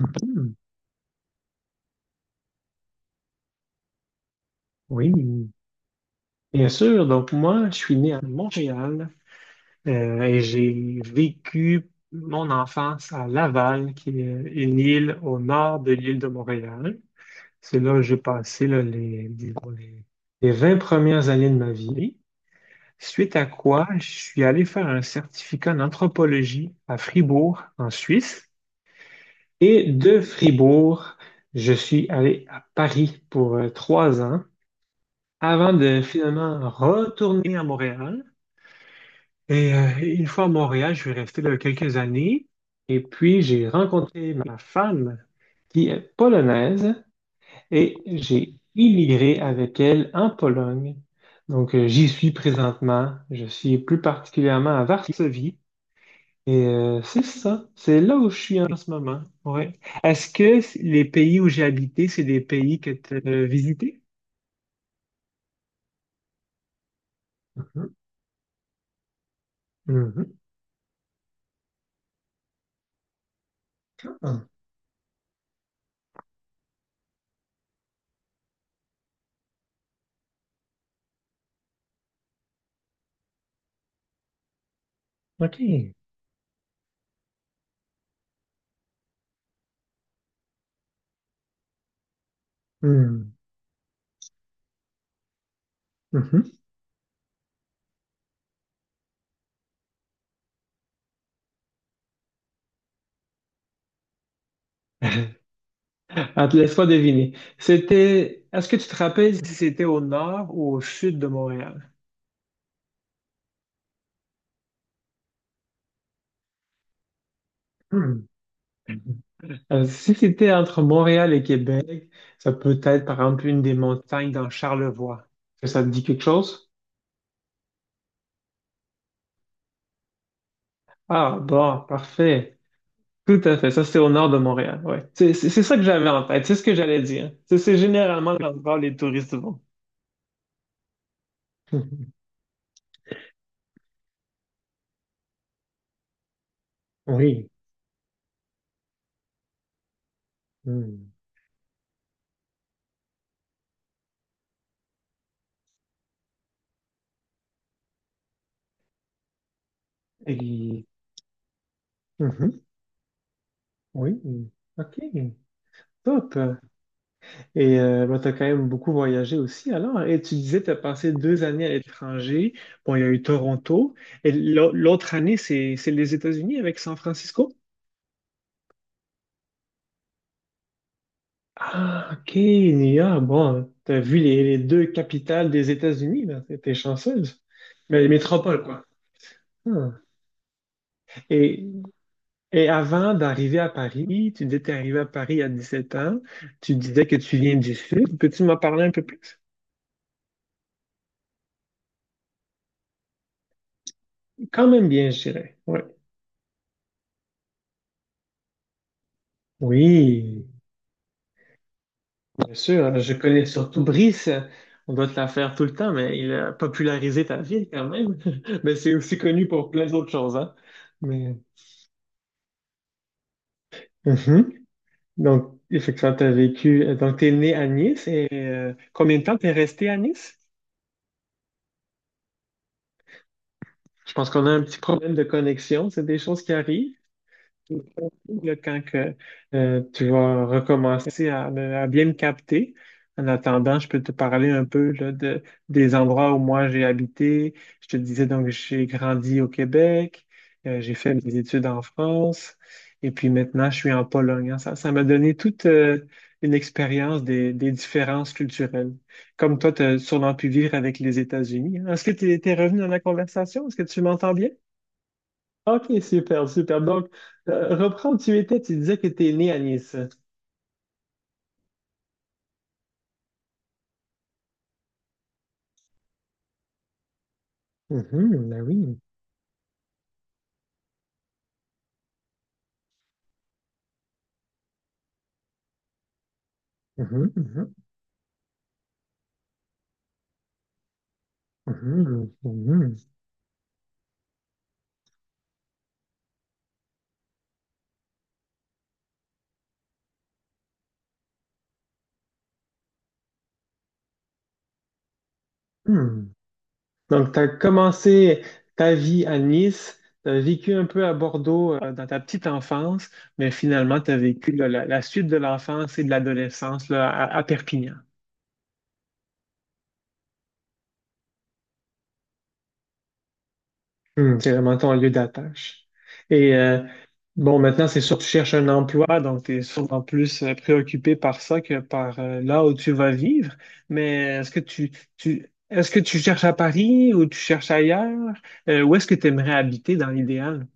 Hmm, oui, bien sûr. Donc moi, je suis né à Montréal, et j'ai vécu mon enfance à Laval, qui est une île au nord de l'île de Montréal. C'est là que j'ai passé là, les, disons, les 20 premières années de ma vie. Suite à quoi, je suis allé faire un certificat en anthropologie à Fribourg, en Suisse. Et de Fribourg, je suis allé à Paris pour trois ans avant de finalement retourner à Montréal. Et euh, une fois à Montréal, je suis resté là quelques années. Et puis, j'ai rencontré ma femme qui est polonaise et j'ai immigré avec elle en Pologne. Donc, j'y suis présentement. Je suis plus particulièrement à Varsovie. C'est ça, c'est là où je suis en ce moment. Ouais. Est-ce que les pays où j'ai habité, c'est des pays que tu as visités? Mhm. Mhm. Ah, OK. Mhm. Mhm. Ah, te laisse pas deviner. C'était. Est-ce que tu te rappelles si c'était au nord ou au sud de Montréal? Hmm. Si c'était entre Montréal et Québec, ça peut être par exemple une des montagnes dans Charlevoix. Est-ce que ça te dit quelque chose? Ah, bon, parfait. Tout à fait. Ça, c'est au nord de Montréal. Ouais. C'est ça que j'avais en tête. C'est ce que j'allais dire. C'est généralement l'endroit où les touristes vont. Mhm. Oui. Hmm. Et- Mhm. Oui. OK. Top. Et tu as quand même beaucoup voyagé aussi alors. Et tu disais, tu as passé deux années à l'étranger. Bon, il y a eu Toronto. Et l'autre année, c'est les États-Unis avec San Francisco? Ah, ok, New York. Bon, tu as vu les deux capitales des États-Unis, là. T'es chanceuse. Mais les métropoles, quoi. Ah. Et, et avant d'arriver à Paris, tu disais que tu es arrivé à Paris à 17 ans. Tu disais que tu viens du Sud. Peux-tu m'en parler un peu plus? Quand même bien, je dirais. Ouais. Oui. Bien sûr, hein, je connais surtout Brice. On doit te la faire tout le temps, mais il a popularisé ta ville quand même. Mais c'est aussi connu pour plein d'autres choses, hein. Mais... Mhm. Donc, effectivement, tu as vécu. Donc, tu es né à Nice et combien de temps tu es resté à Nice? Je pense qu'on a un petit problème de connexion. C'est des choses qui arrivent. Là, tu vas recommencer à, à bien me capter. En attendant, je peux te parler un peu là, de, des endroits où moi j'ai habité. Je te disais donc j'ai grandi au Québec, j'ai fait mes études en France, et puis maintenant je suis en Pologne, hein. Ça m'a donné toute une expérience des différences culturelles. Comme toi, tu as sûrement pu vivre avec les États-Unis, hein. Est-ce que tu es revenu dans la conversation? Est-ce que tu m'entends bien? Ok, super, super. Donc, reprends où tu étais, tu disais que tu es né à Nice. Mhm, ben oui. Mhm, mhm, mhm, mhm, mhm. Donc, tu as commencé ta vie à Nice, tu as vécu un peu à Bordeaux dans ta petite enfance, mais finalement, tu as vécu là, la suite de l'enfance et de l'adolescence là, à Perpignan. Hmm, c'est vraiment ton lieu d'attache. Et euh, bon, maintenant, c'est sûr que tu cherches un emploi, donc tu es sûrement plus préoccupé par ça que par là où tu vas vivre. Mais est-ce que tu, est-ce que tu cherches à Paris ou tu cherches ailleurs? Où est-ce que tu aimerais habiter dans l'idéal?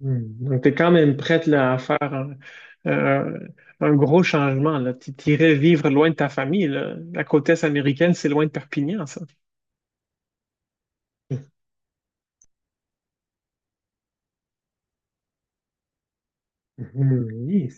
Hmm, donc, tu es quand même prête là, à faire euh, un gros changement, là. Tu irais vivre loin de ta famille, là. La côte est américaine, c'est loin de Perpignan, ça. Mhm, oui.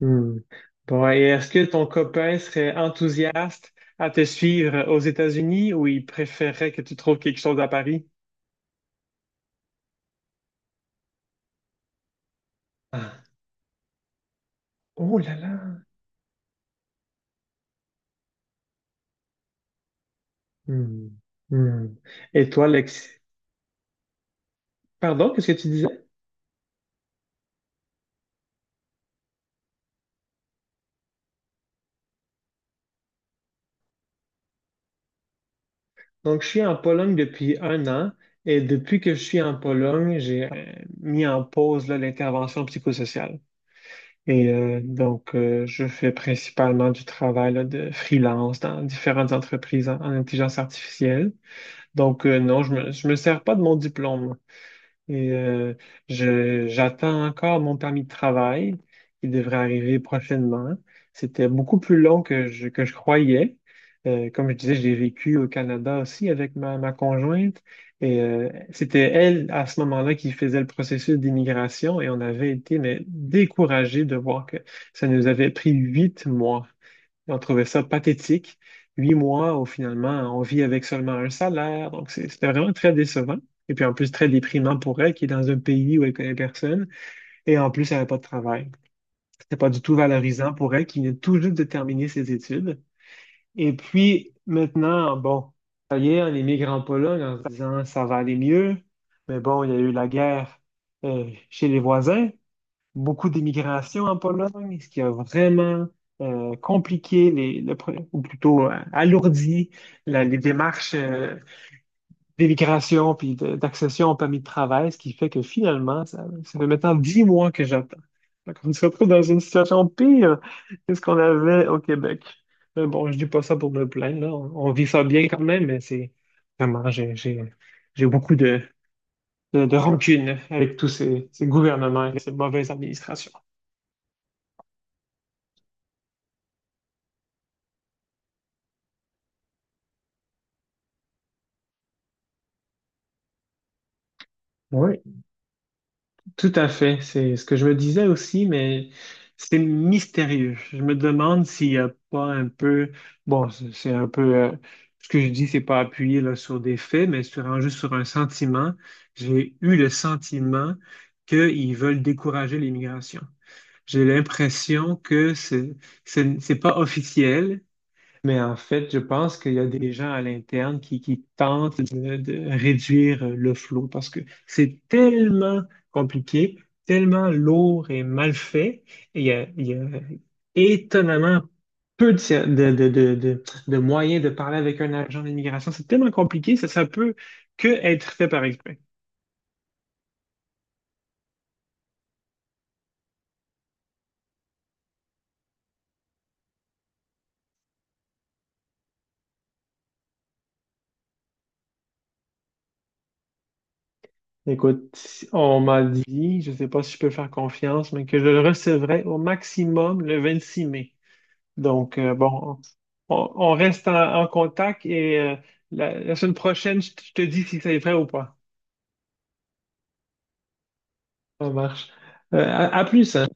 Hmm. Bon, et est-ce que ton copain serait enthousiaste à te suivre aux États-Unis ou il préférerait que tu trouves quelque chose à Paris? Ah. Oh là là. Hmm. Hmm. Et toi, Lex... Pardon, qu'est-ce que tu disais? Donc, je suis en Pologne depuis un an et depuis que je suis en Pologne, j'ai mis en pause là, l'intervention psychosociale. Et je fais principalement du travail là, de freelance dans différentes entreprises en intelligence artificielle. Donc, non, je me sers pas de mon diplôme. Et euh, j'attends encore mon permis de travail qui devrait arriver prochainement. C'était beaucoup plus long que que je croyais. Comme je disais, j'ai vécu au Canada aussi avec ma conjointe. Et c'était elle, à ce moment-là, qui faisait le processus d'immigration. Et on avait été mais, découragés de voir que ça nous avait pris 8 mois. On trouvait ça pathétique. 8 mois où finalement on vit avec seulement un salaire. C'était vraiment très décevant. Et puis en plus très déprimant pour elle qui est dans un pays où elle connaît personne. Et en plus elle n'avait pas de travail. C'était pas du tout valorisant pour elle qui vient tout juste de terminer ses études. Et puis maintenant, bon, ça y est, on émigre en Pologne en se disant ça va aller mieux. Mais bon, il y a eu la guerre chez les voisins, beaucoup d'immigration en Pologne, ce qui a vraiment compliqué les, ou plutôt alourdi les démarches d'immigration puis d'accession au permis de travail, ce qui fait que finalement, ça fait maintenant 10 mois que j'attends. Donc, on se retrouve dans une situation pire que ce qu'on avait au Québec. Mais bon, je dis pas ça pour me plaindre, là. On vit ça bien quand même, mais c'est vraiment, j'ai beaucoup de, de rancune avec tous ces, ces gouvernements et ces mauvaises administrations. Oui, tout à fait. C'est ce que je me disais aussi, mais c'est mystérieux. Je me demande s'il n'y a pas un peu, bon, c'est un peu, ce que je dis, c'est pas appuyé là, sur des faits, mais c'est vraiment juste sur un sentiment. J'ai eu le sentiment qu'ils veulent décourager l'immigration. J'ai l'impression que c'est pas officiel, mais en fait, je pense qu'il y a des gens à l'interne qui tentent de réduire le flot parce que c'est tellement compliqué, tellement lourd et mal fait, et il y a étonnamment peu de, de moyens de parler avec un agent d'immigration. C'est tellement compliqué, ça peut que être fait par exprès. Écoute, on m'a dit, je ne sais pas si je peux faire confiance, mais que je le recevrai au maximum le 26 mai. Donc, bon, on reste en, en contact et la, la semaine prochaine, je te dis si c'est vrai ou pas. Ça marche. À plus, hein.